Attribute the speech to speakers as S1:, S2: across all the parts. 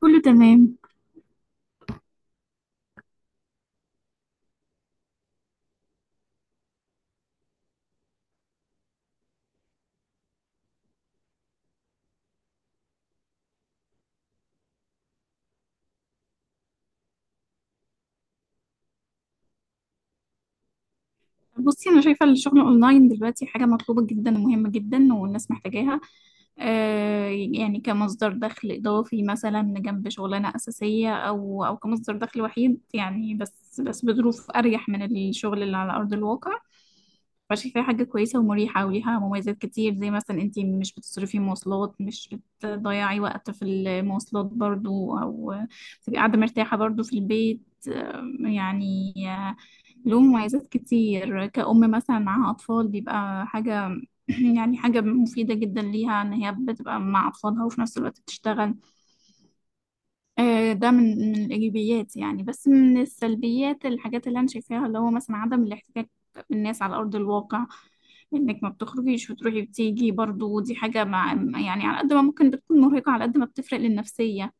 S1: كله تمام. بصي، انا شايفه الشغل اونلاين دلوقتي حاجه مطلوبه جدا ومهمه جدا والناس محتاجاها. يعني كمصدر دخل اضافي مثلا جنب شغلانه اساسيه او كمصدر دخل وحيد، يعني بس بظروف اريح من الشغل اللي على ارض الواقع. فشايفاها حاجه كويسه ومريحه وليها مميزات كتير، زي مثلا انت مش بتصرفي مواصلات، مش بتضيعي وقت في المواصلات برضو، او تبقي قاعده مرتاحه برضو في البيت يعني له مميزات كتير، كأم مثلا معاها أطفال بيبقى حاجة يعني حاجة مفيدة جدا ليها، إن هي بتبقى مع أطفالها وفي نفس الوقت بتشتغل. ده من الإيجابيات، يعني بس من السلبيات الحاجات اللي أنا شايفاها، اللي هو مثلا عدم الاحتكاك بالناس على أرض الواقع. إنك ما بتخرجيش وتروحي وتيجي، برضو دي حاجة، مع يعني على قد ما ممكن بتكون مرهقة، على قد ما بتفرق للنفسية.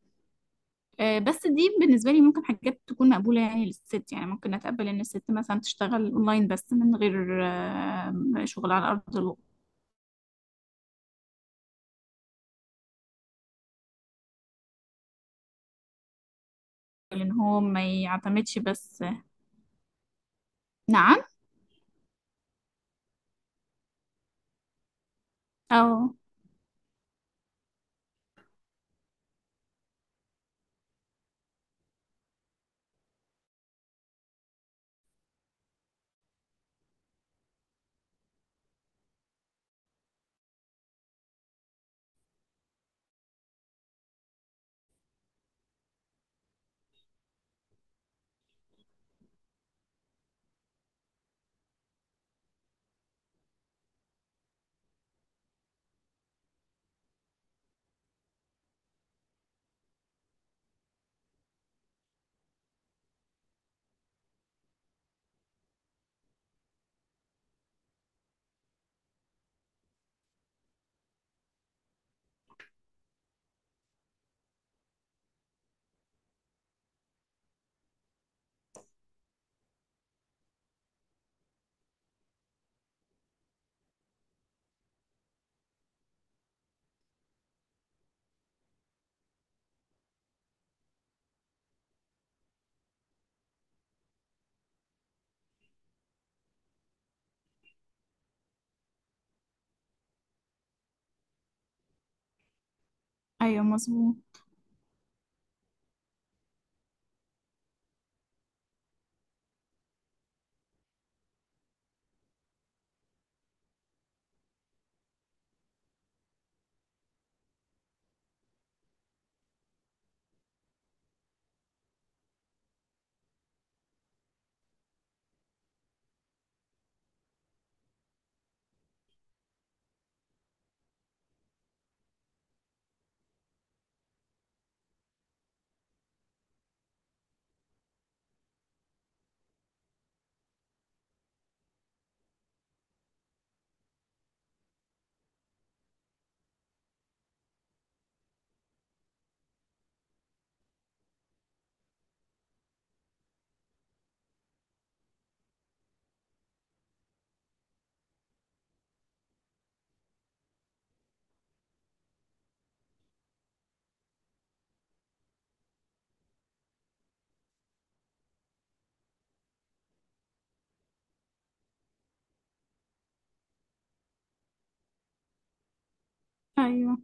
S1: بس دي بالنسبة لي ممكن حاجات تكون مقبولة، يعني للست، يعني ممكن أتقبل إن الست مثلا تشتغل أونلاين بس من غير شغل على أرض الواقع. لأن هو ما يعتمدش بس. نعم. أه. أيوه، مظبوط. أيوه.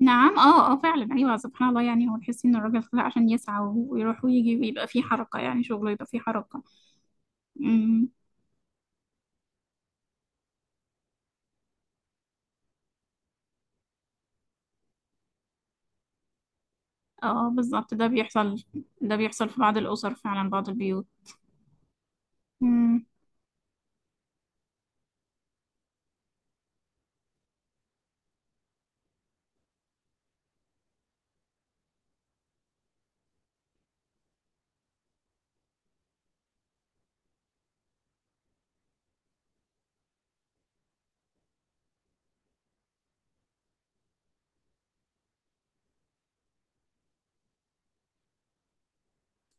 S1: نعم، أه، أه فعلا، أيوه. سبحان الله، يعني هو تحسي إن الراجل خلق عشان يسعى ويروح ويجي ويبقى فيه حركة، يعني شغله يبقى فيه حركة. أمم. أه بالظبط، ده بيحصل. ده بيحصل في بعض الأسر فعلا، بعض البيوت. أمم.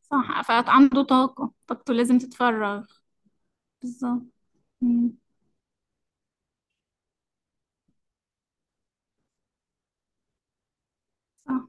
S1: صح، فعنده طاقة، طاقته لازم تتفرغ. بالظبط. مم. صح.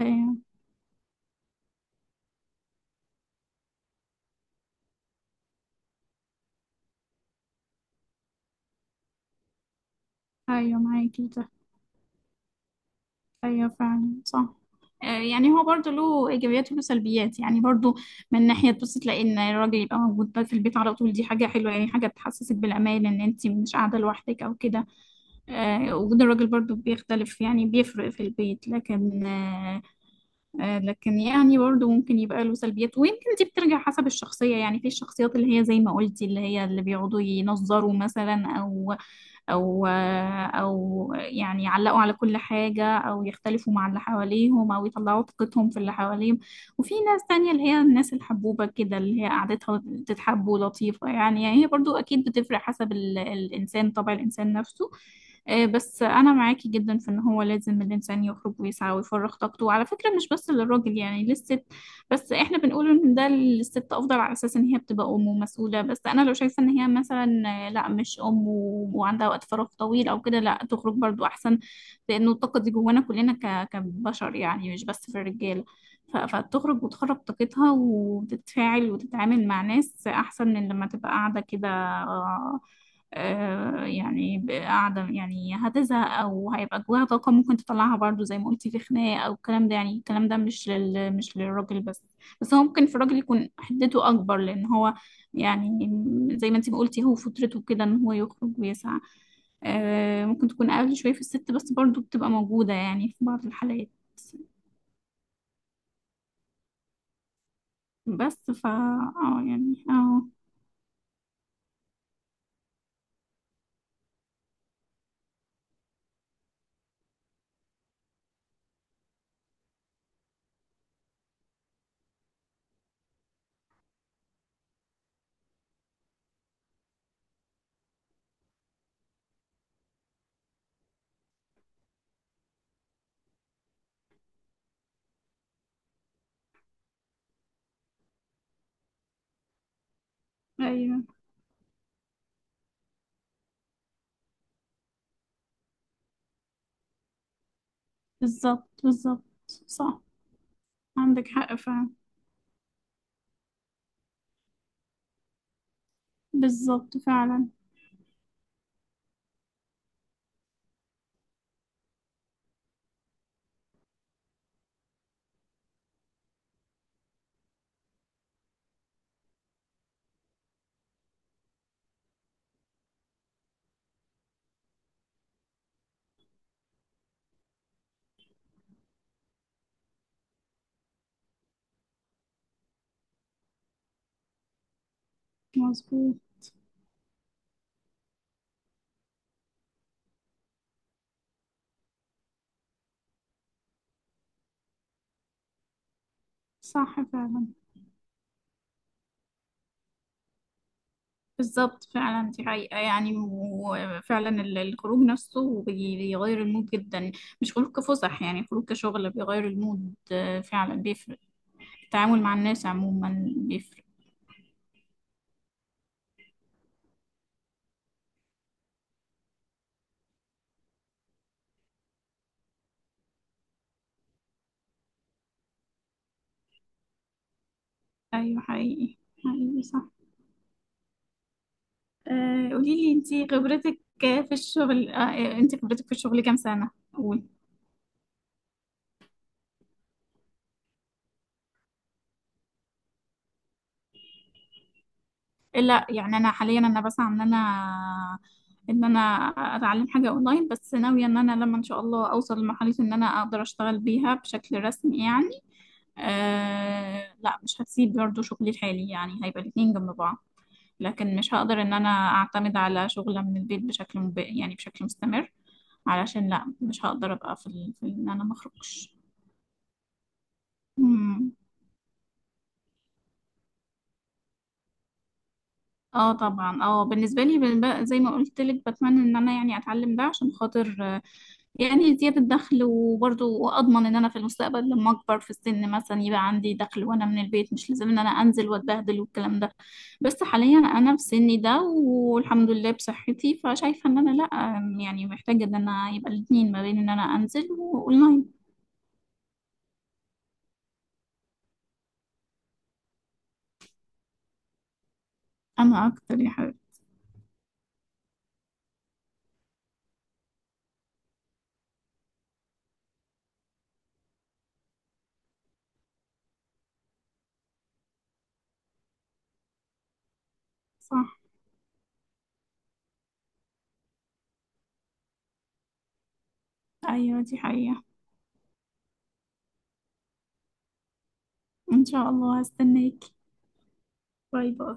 S1: ايوه. ايوه، معاكي ده. ايوه فعلا، صح. يعني هو برضه له ايجابيات وله سلبيات، يعني برضه من ناحيه، بص تلاقي ان الراجل يبقى موجود بقى في البيت على طول، دي حاجه حلوه يعني، حاجه بتحسسك بالامان، ان انت مش قاعده لوحدك او كده. وجود الراجل برضه بيختلف، يعني بيفرق في البيت، لكن لكن يعني برضه ممكن يبقى له سلبيات، ويمكن دي بترجع حسب الشخصيه، يعني في الشخصيات اللي هي زي ما قلتي، اللي هي اللي بيقعدوا ينظروا مثلا، او يعني يعلقوا على كل حاجة، او يختلفوا مع اللي حواليهم، او يطلعوا طاقتهم في اللي حواليهم. وفي ناس تانية اللي هي الناس الحبوبة كده، اللي هي قعدتها تتحب ولطيفة، يعني هي برضو اكيد بتفرق، حسب الانسان، طبع الانسان نفسه. بس انا معاكي جدا في ان هو لازم الانسان يخرج ويسعى ويفرغ طاقته، وعلى فكرة مش بس للراجل، يعني للست. بس احنا بنقول ان ده للست افضل على اساس ان هي بتبقى ام ومسؤوله، بس انا لو شايفه ان هي مثلا لا مش ام وعندها وقت فراغ طويل او كده، لا تخرج برضو احسن. لانه الطاقه دي جوانا كلنا كبشر، يعني مش بس في الرجاله، فتخرج وتخرج طاقتها وتتفاعل وتتعامل مع ناس، احسن من لما تبقى قاعده كده يعني قاعدة، يعني هتزهق أو هيبقى جواها طاقة ممكن تطلعها، برضو زي ما قلتي في خناقة أو الكلام ده، يعني الكلام ده مش للراجل بس. بس هو ممكن في الراجل يكون حدته أكبر، لأن هو يعني زي ما انتي ما قلتي، هو فطرته كده إن هو يخرج ويسعى. ممكن تكون أقل شوية في الست، بس برضو بتبقى موجودة يعني في بعض الحالات. بس فا، اه يعني اه. أيوه، بالظبط، بالظبط. صح. عندك حق فعلا. بالظبط فعلا. مظبوط. صح فعلا. بالظبط فعلا، دي حقيقة، يعني وفعلا الخروج نفسه بيغير المود جدا. مش خروج كفسح، يعني خروج كشغل بيغير المود فعلا بيفرق. التعامل مع الناس عموما بيفرق. أيوة حقيقي. حقيقي صح. قولي لي، انتي خبرتك في الشغل، كام سنة؟ لا يعني انا حاليا انا بسعى ان انا ان انا اتعلم حاجه اونلاين، بس ناويه ان انا لما ان شاء الله اوصل لمرحله ان انا اقدر اشتغل بيها بشكل رسمي يعني. لا، مش هسيب برضه شغلي الحالي، يعني هيبقى الاتنين جنب بعض. لكن مش هقدر ان انا اعتمد على شغلة من البيت بشكل يعني بشكل مستمر. علشان لا، مش هقدر ابقى في ان انا مخرجش. مم. اه طبعا، اه بالنسبه لي بقى زي ما قلت لك، بتمنى ان انا يعني اتعلم ده عشان خاطر، يعني زيادة دخل، وبرضه أضمن إن أنا في المستقبل لما أكبر في السن مثلا يبقى عندي دخل، وأنا من البيت مش لازم إن أنا أنزل وأتبهدل والكلام ده. بس حاليا أنا في سني ده والحمد لله بصحتي، فشايفة إن أنا لأ، يعني محتاجة إن أنا يبقى الاتنين ما بين إن أنا أنزل وأونلاين. أنا أكتر يا حبيبتي. صح. أيوة دي حقيقة. إن شاء الله، هستناك. باي باي.